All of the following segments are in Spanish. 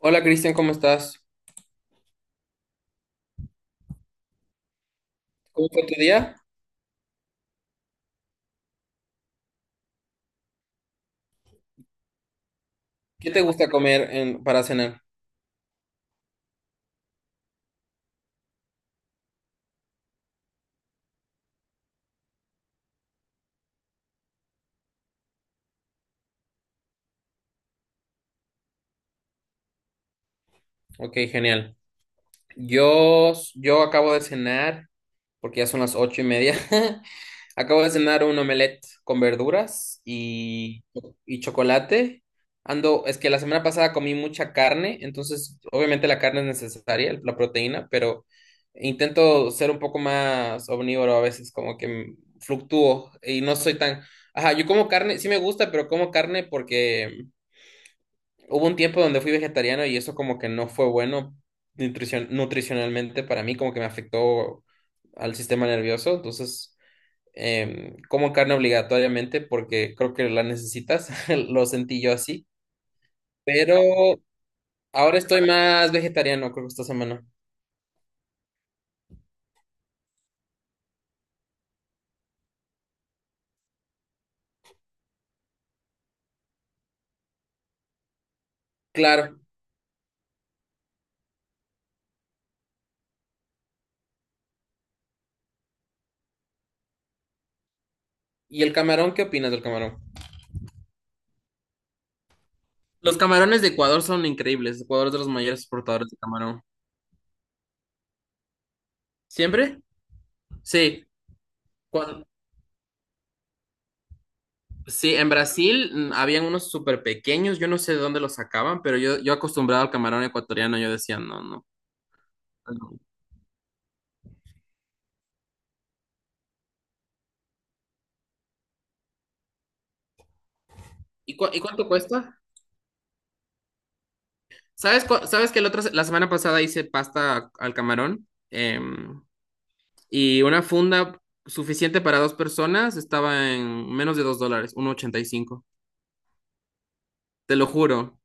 Hola Cristian, ¿cómo estás? ¿Cómo fue tu día? ¿Qué te gusta comer para cenar? Ok, genial. Yo acabo de cenar, porque ya son las 8:30. Acabo de cenar un omelette con verduras y chocolate. Ando, es que la semana pasada comí mucha carne, entonces obviamente la carne es necesaria, la proteína, pero intento ser un poco más omnívoro a veces, como que fluctúo y no soy tan... Ajá, yo como carne, sí me gusta, pero como carne porque hubo un tiempo donde fui vegetariano y eso como que no fue bueno nutricionalmente para mí, como que me afectó al sistema nervioso. Entonces, como carne obligatoriamente porque creo que la necesitas, lo sentí yo así. Pero ahora estoy más vegetariano, creo que esta semana. Claro. ¿Y el camarón? ¿Qué opinas del camarón? Los camarones de Ecuador son increíbles. Ecuador es de los mayores exportadores de camarón. ¿Siempre? Sí. Cuan- Sí, en Brasil habían unos súper pequeños, yo no sé de dónde los sacaban, pero yo acostumbrado al camarón ecuatoriano, yo decía, no, no. No. ¿Y, y cuánto cuesta? ¿Sabes, sabes que el otro, la semana pasada hice pasta al camarón? Y una funda suficiente para dos personas estaba en menos de $2, 1,85. Te lo juro,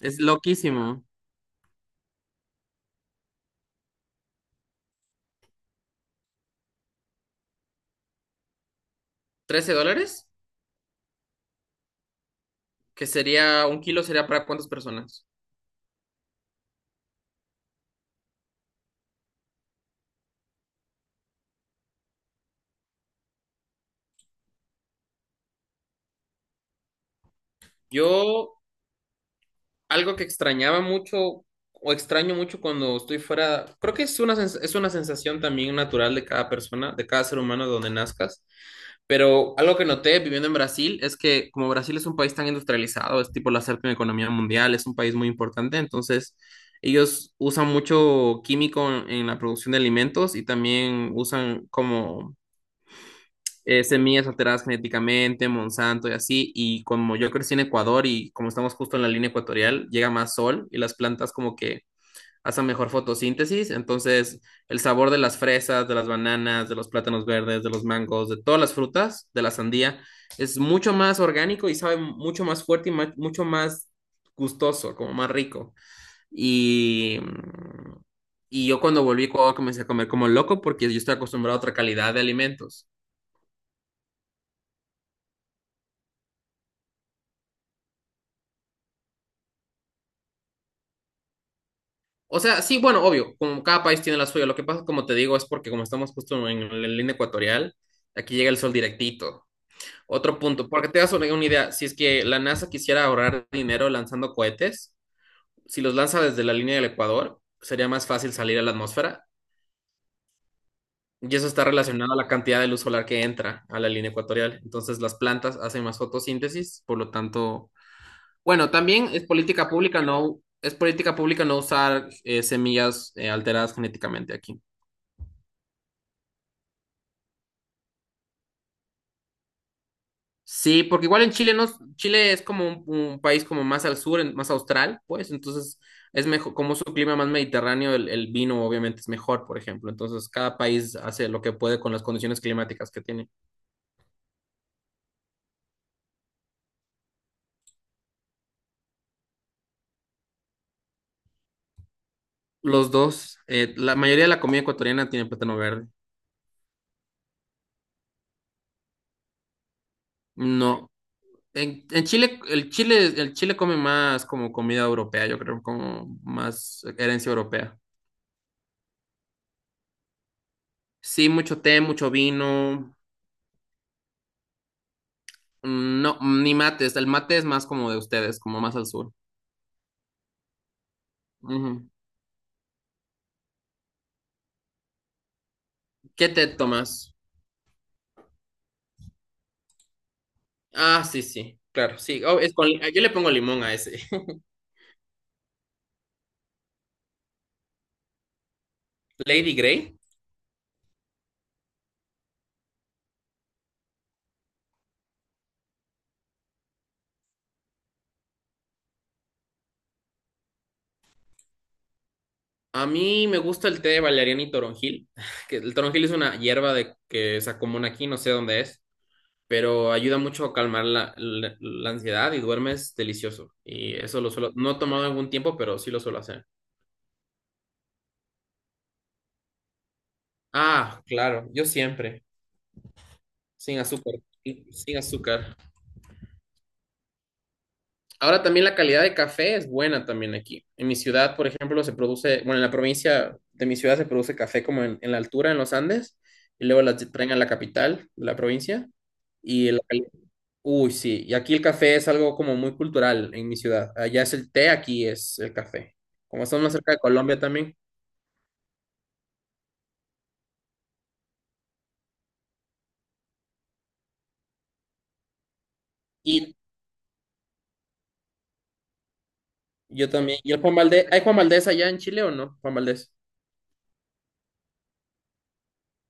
es loquísimo. ¿$13? Que sería, ¿un kilo sería para cuántas personas? Yo algo que extrañaba mucho o extraño mucho cuando estoy fuera, creo que es una es una sensación también natural de cada persona, de cada ser humano donde nazcas, pero algo que noté viviendo en Brasil es que como Brasil es un país tan industrializado, es tipo la séptima economía mundial, es un país muy importante, entonces ellos usan mucho químico en la producción de alimentos y también usan como semillas alteradas genéticamente, Monsanto y así, y como yo crecí en Ecuador y como estamos justo en la línea ecuatorial, llega más sol y las plantas como que hacen mejor fotosíntesis, entonces el sabor de las fresas, de las bananas, de los plátanos verdes, de los mangos, de todas las frutas, de la sandía, es mucho más orgánico y sabe mucho más fuerte y mucho más gustoso, como más rico. Y, y yo cuando volví a Ecuador comencé a comer como loco porque yo estoy acostumbrado a otra calidad de alimentos. O sea, sí, bueno, obvio, como cada país tiene la suya. Lo que pasa, como te digo, es porque como estamos justo en la línea ecuatorial, aquí llega el sol directito. Otro punto, porque te das una idea, si es que la NASA quisiera ahorrar dinero lanzando cohetes, si los lanza desde la línea del Ecuador, sería más fácil salir a la atmósfera. Y eso está relacionado a la cantidad de luz solar que entra a la línea ecuatorial. Entonces las plantas hacen más fotosíntesis, por lo tanto, bueno, también es política pública no, es política pública no usar semillas alteradas genéticamente aquí. Sí, porque igual en Chile no, Chile es como un país como más al sur, más austral, pues, entonces es mejor, como su clima más mediterráneo, el vino obviamente es mejor, por ejemplo. Entonces cada país hace lo que puede con las condiciones climáticas que tiene. Los dos, la mayoría de la comida ecuatoriana tiene plátano verde. No, en Chile, el Chile come más como comida europea, yo creo, como más herencia europea. Sí, mucho té, mucho vino. No, ni mates. El mate es más como de ustedes, como más al sur. Ujú. ¿Qué té tomas? Ah, sí, sí, claro, sí. Oh, es yo le pongo limón a ese. Lady Grey. A mí me gusta el té de valeriana y toronjil, que el toronjil es una hierba de que se común aquí, no sé dónde es, pero ayuda mucho a calmar la, la ansiedad y duermes delicioso. Y eso lo suelo, no he tomado en algún tiempo, pero sí lo suelo hacer. Ah, claro, yo siempre, sin azúcar, sin azúcar. Ahora también la calidad de café es buena también aquí. En mi ciudad, por ejemplo, se produce, bueno, en la provincia de mi ciudad se produce café como en la altura, en los Andes, y luego la traen a la capital de la provincia. Y el, uy, sí, y aquí el café es algo como muy cultural en mi ciudad. Allá es el té, aquí es el café. Como estamos más cerca de Colombia también. Y yo también. ¿Y el Juan Valdez? ¿Hay Juan Valdez allá en Chile o no? Juan Valdez.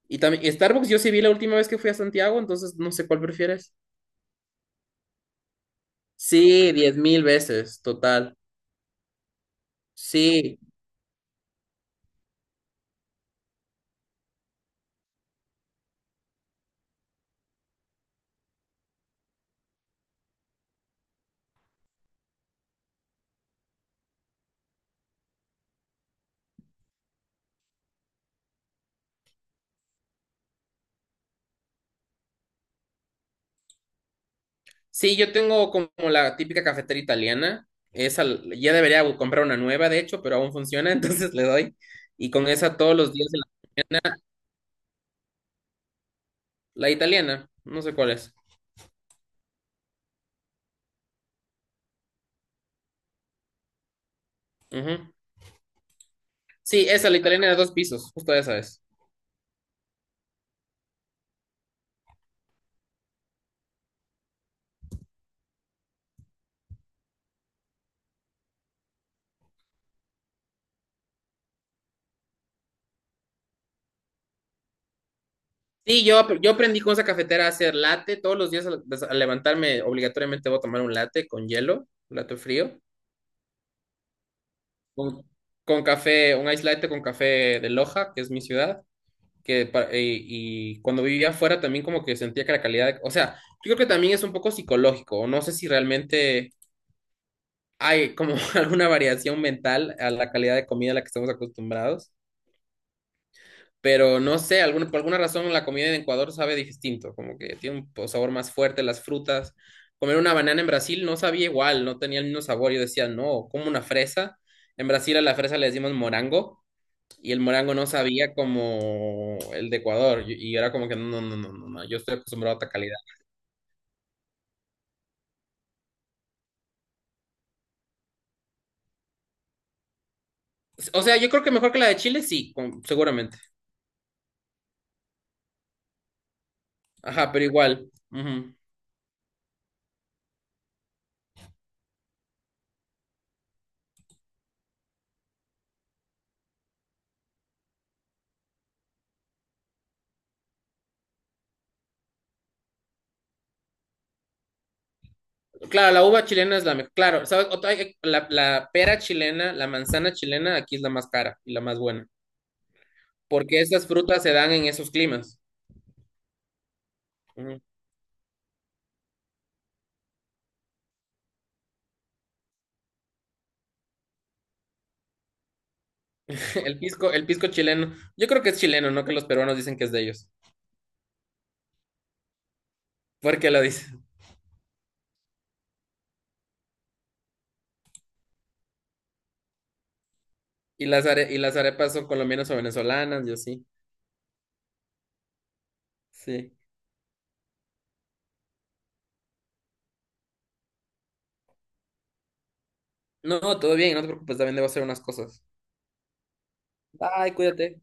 Y también, y Starbucks yo sí vi la última vez que fui a Santiago, entonces no sé cuál prefieres. Sí, 10.000 veces, total. Sí, sí, yo tengo como la típica cafetera italiana. Esa ya debería comprar una nueva, de hecho, pero aún funciona, entonces le doy. Y con esa todos los días la italiana, no sé cuál es. Ujú. Sí, esa, la italiana de dos pisos, justo esa es. Sí, yo, yo aprendí con esa cafetera a hacer latte. Todos los días al, al levantarme, obligatoriamente voy a tomar un latte con hielo, un latte frío, con, con café, un ice latte con café de Loja, que es mi ciudad. Que y cuando vivía afuera también como que sentía que la calidad, o sea, yo creo que también es un poco psicológico, o no sé si realmente hay como alguna variación mental a la calidad de comida a la que estamos acostumbrados, pero no sé, alguna, por alguna razón la comida en Ecuador sabe distinto, como que tiene un sabor más fuerte, las frutas, comer una banana en Brasil no sabía igual, no tenía el mismo sabor, yo decía, no, como una fresa, en Brasil a la fresa le decimos morango. Y el morango no sabía como el de Ecuador. Y era como que no, no, no, no, no. Yo estoy acostumbrado a otra calidad. O sea, yo creo que mejor que la de Chile, sí, seguramente. Ajá, pero igual. Ujú. Claro, la uva chilena es la mejor. Claro, ¿sabes? La, la pera chilena, la manzana chilena, aquí es la más cara y la más buena. Porque esas frutas se dan en esos climas. Ujú. El pisco chileno. Yo creo que es chileno, no que los peruanos dicen que es de ellos. ¿Por qué lo dicen? Y las, y las arepas son colombianas o venezolanas, yo sí. Sí. No, todo bien, no te preocupes, también debo hacer unas cosas. Bye, cuídate.